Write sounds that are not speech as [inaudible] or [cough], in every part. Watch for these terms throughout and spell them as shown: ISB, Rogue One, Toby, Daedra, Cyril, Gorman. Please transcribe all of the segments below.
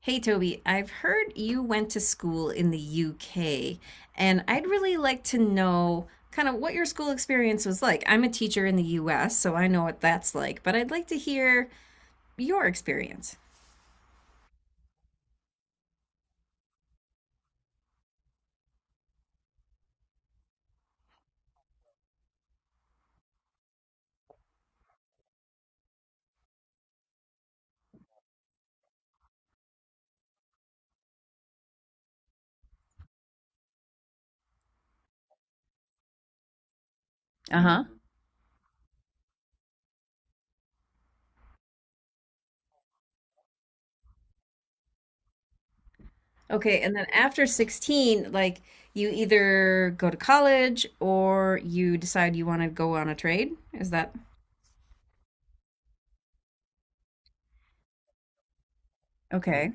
Hey Toby, I've heard you went to school in the UK, and I'd really like to know kind of what your school experience was like. I'm a teacher in the US, so I know what that's like, but I'd like to hear your experience. Uh-huh. Okay, and then after 16, like you either go to college or you decide you want to go on a trade. Is that— Okay.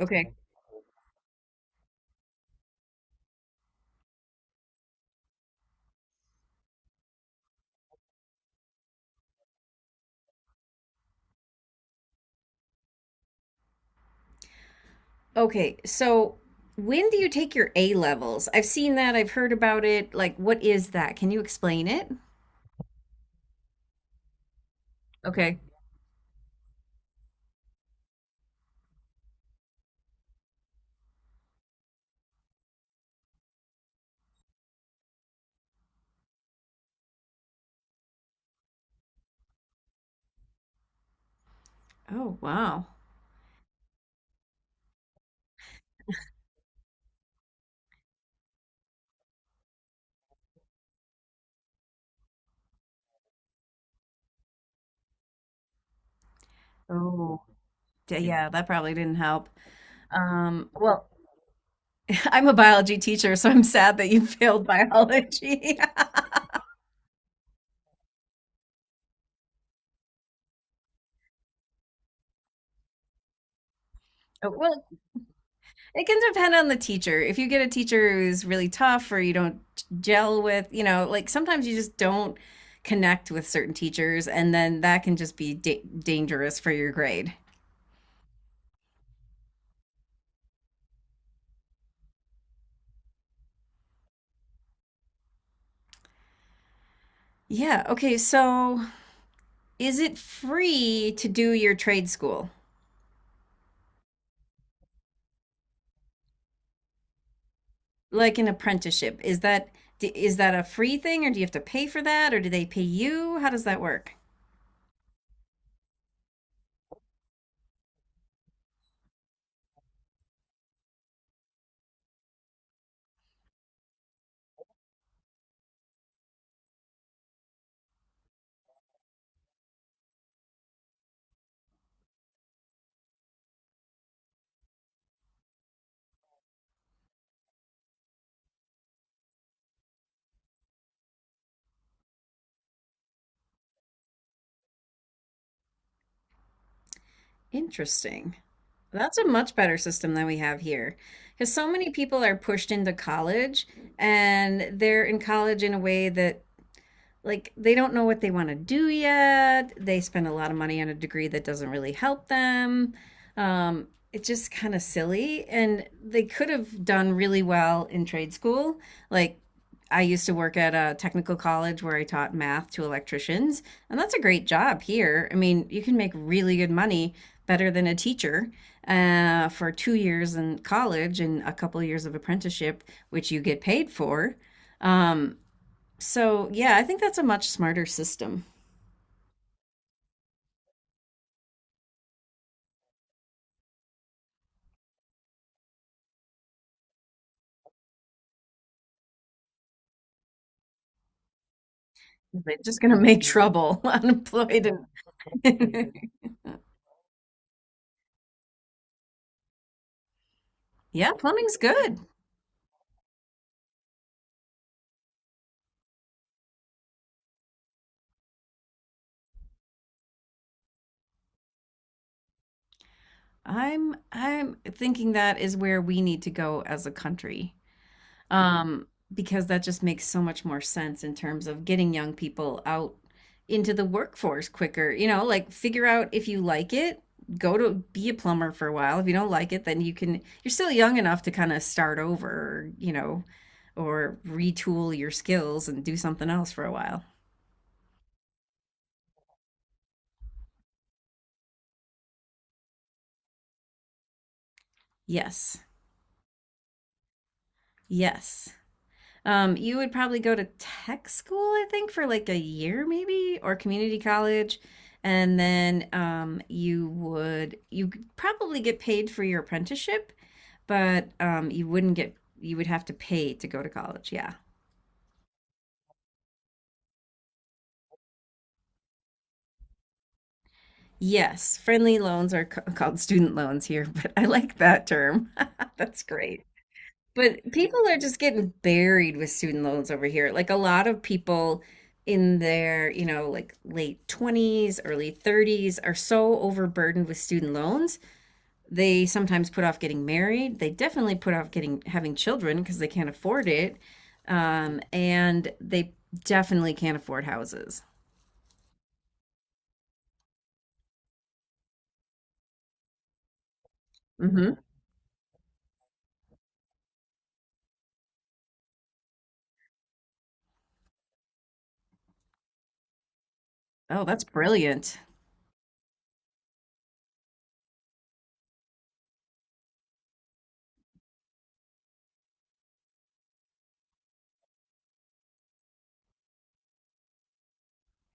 Okay. Okay. So when do you take your A levels? I've seen that, I've heard about it. Like, what is that? Can you explain it? Okay. Oh, wow. Oh, yeah, that probably didn't help. Well, [laughs] I'm a biology teacher, so I'm sad that you failed biology. [laughs] Well, it can depend on the teacher. If you get a teacher who's really tough or you don't gel with, like sometimes you just don't connect with certain teachers, and then that can just be da dangerous for your grade. Yeah, okay, so is it free to do your trade school? Like an apprenticeship, is that a free thing? Or do you have to pay for that? Or do they pay you? How does that work? Interesting. That's a much better system than we have here, because so many people are pushed into college, and they're in college in a way that like they don't know what they want to do yet. They spend a lot of money on a degree that doesn't really help them. It's just kind of silly. And they could have done really well in trade school. Like I used to work at a technical college where I taught math to electricians, and that's a great job here. I mean, you can make really good money, better than a teacher, for 2 years in college and a couple years of apprenticeship, which you get paid for. Um, so, yeah, I think that's a much smarter system. They're just going to make trouble [laughs] unemployed and— [laughs] Yeah, plumbing's good. I'm thinking that is where we need to go as a country. um, because that just makes so much more sense in terms of getting young people out into the workforce quicker. Like figure out if you like it, go to be a plumber for a while. If you don't like it, then you're still young enough to kind of start over, or retool your skills and do something else for a while. Yes. Yes. You would probably go to tech school, I think, for like a year maybe, or community college, and then you could probably get paid for your apprenticeship, but you wouldn't get you would have to pay to go to college. Yeah. Yes, friendly loans are called student loans here, [laughs] but I like that term. [laughs] That's great. But people are just getting buried with student loans over here. Like a lot of people in their, like late 20s, early 30s are so overburdened with student loans. They sometimes put off getting married. They definitely put off getting having children because they can't afford it. And they definitely can't afford houses. Hmm. Oh, that's brilliant.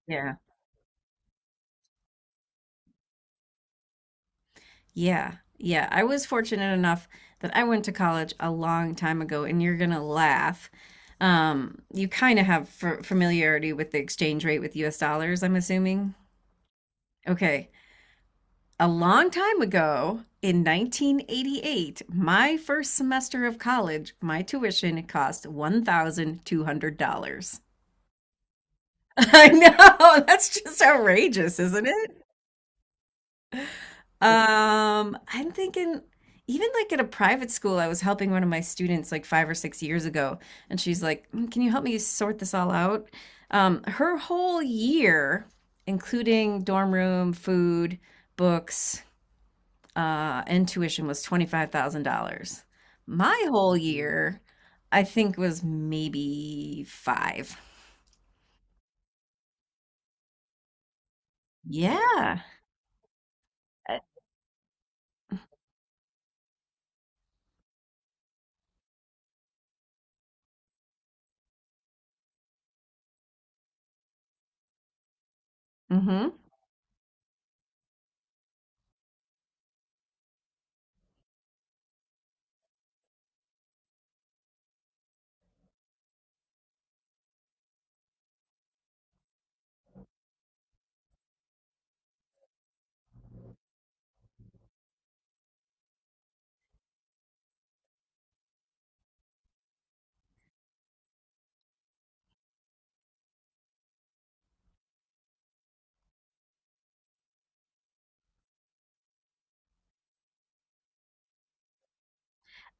Yeah. Yeah. Yeah. I was fortunate enough that I went to college a long time ago, and you're gonna laugh. You kind of have f familiarity with the exchange rate with US dollars, I'm assuming. Okay. A long time ago, in 1988, my first semester of college, my tuition cost $1,200. [laughs] I know, that's just outrageous, isn't it? I'm thinking even like at a private school, I was helping one of my students like 5 or 6 years ago, and she's like, "Mm, Can you help me sort this all out?" Her whole year, including dorm room, food, books, and tuition, was $25,000. My whole year, I think was maybe five. Yeah. Mm-hmm.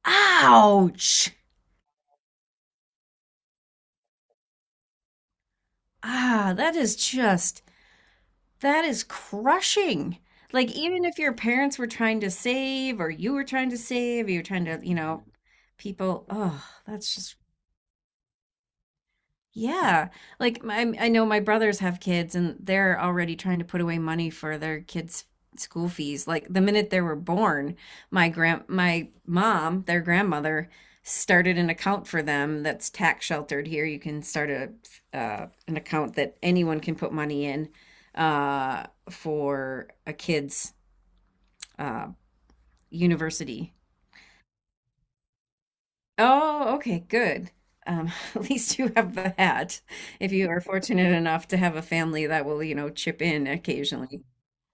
Ouch. Ah, That is crushing. Like, even if your parents were trying to save, or you were trying to save, you are trying to, people, oh, that's just— Yeah. Like I know my brothers have kids, and they're already trying to put away money for their kids' school fees. Like the minute they were born, my mom, their grandmother, started an account for them that's tax sheltered here. You can start a an account that anyone can put money in uh for a kid's uh university. Oh, okay, good. [laughs] At least you have that. If you are fortunate enough to have a family that will, chip in occasionally.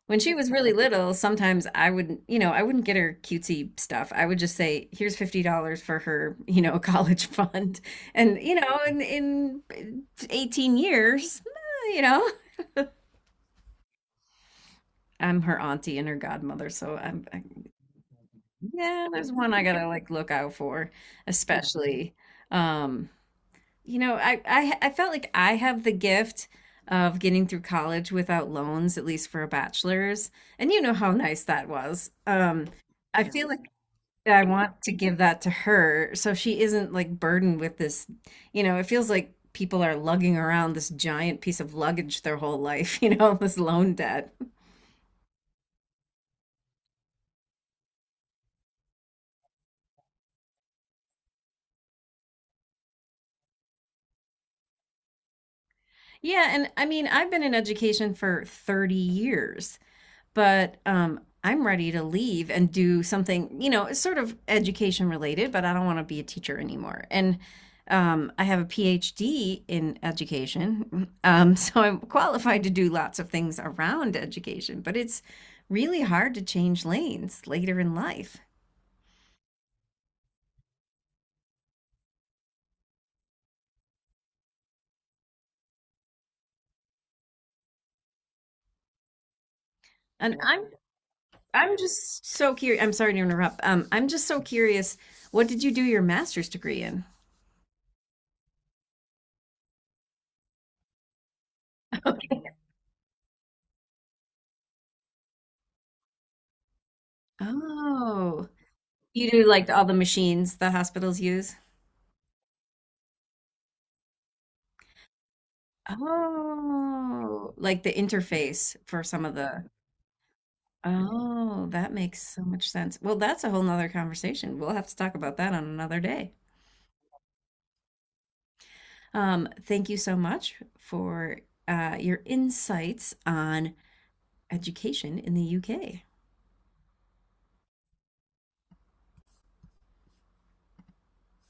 When she was really little, sometimes I wouldn't get her cutesy stuff. I would just say, "Here's $50 for her, [laughs] college fund." And in 18 years, eh, you know, I'm her auntie and her godmother, so yeah, there's one I gotta like look out for, [laughs] especially. Um, I felt like I have the gift of getting through college without loans, at least for a bachelor's. And you know how nice that was. I feel like I want to give that to her so she isn't like burdened with this, it feels like people are lugging around this giant piece of luggage their whole life, [laughs] this loan debt. Yeah, and I mean, I've been in education for 30 years. But I'm ready to leave and do something, it's sort of education related, but I don't want to be a teacher anymore. And I have a PhD in education, [laughs] so I'm qualified to do lots of things around education, but it's really hard to change lanes later in life. And I'm just so curious. I'm sorry to interrupt. I'm just so curious. What did you do your master's degree in? [laughs] Okay. Oh, you do like all the machines the hospitals use? Oh, like the interface for some of the— Oh, that makes so much sense. Well, that's a whole nother conversation. We'll have to talk about that on another day. Thank you so much for your insights on education in the UK.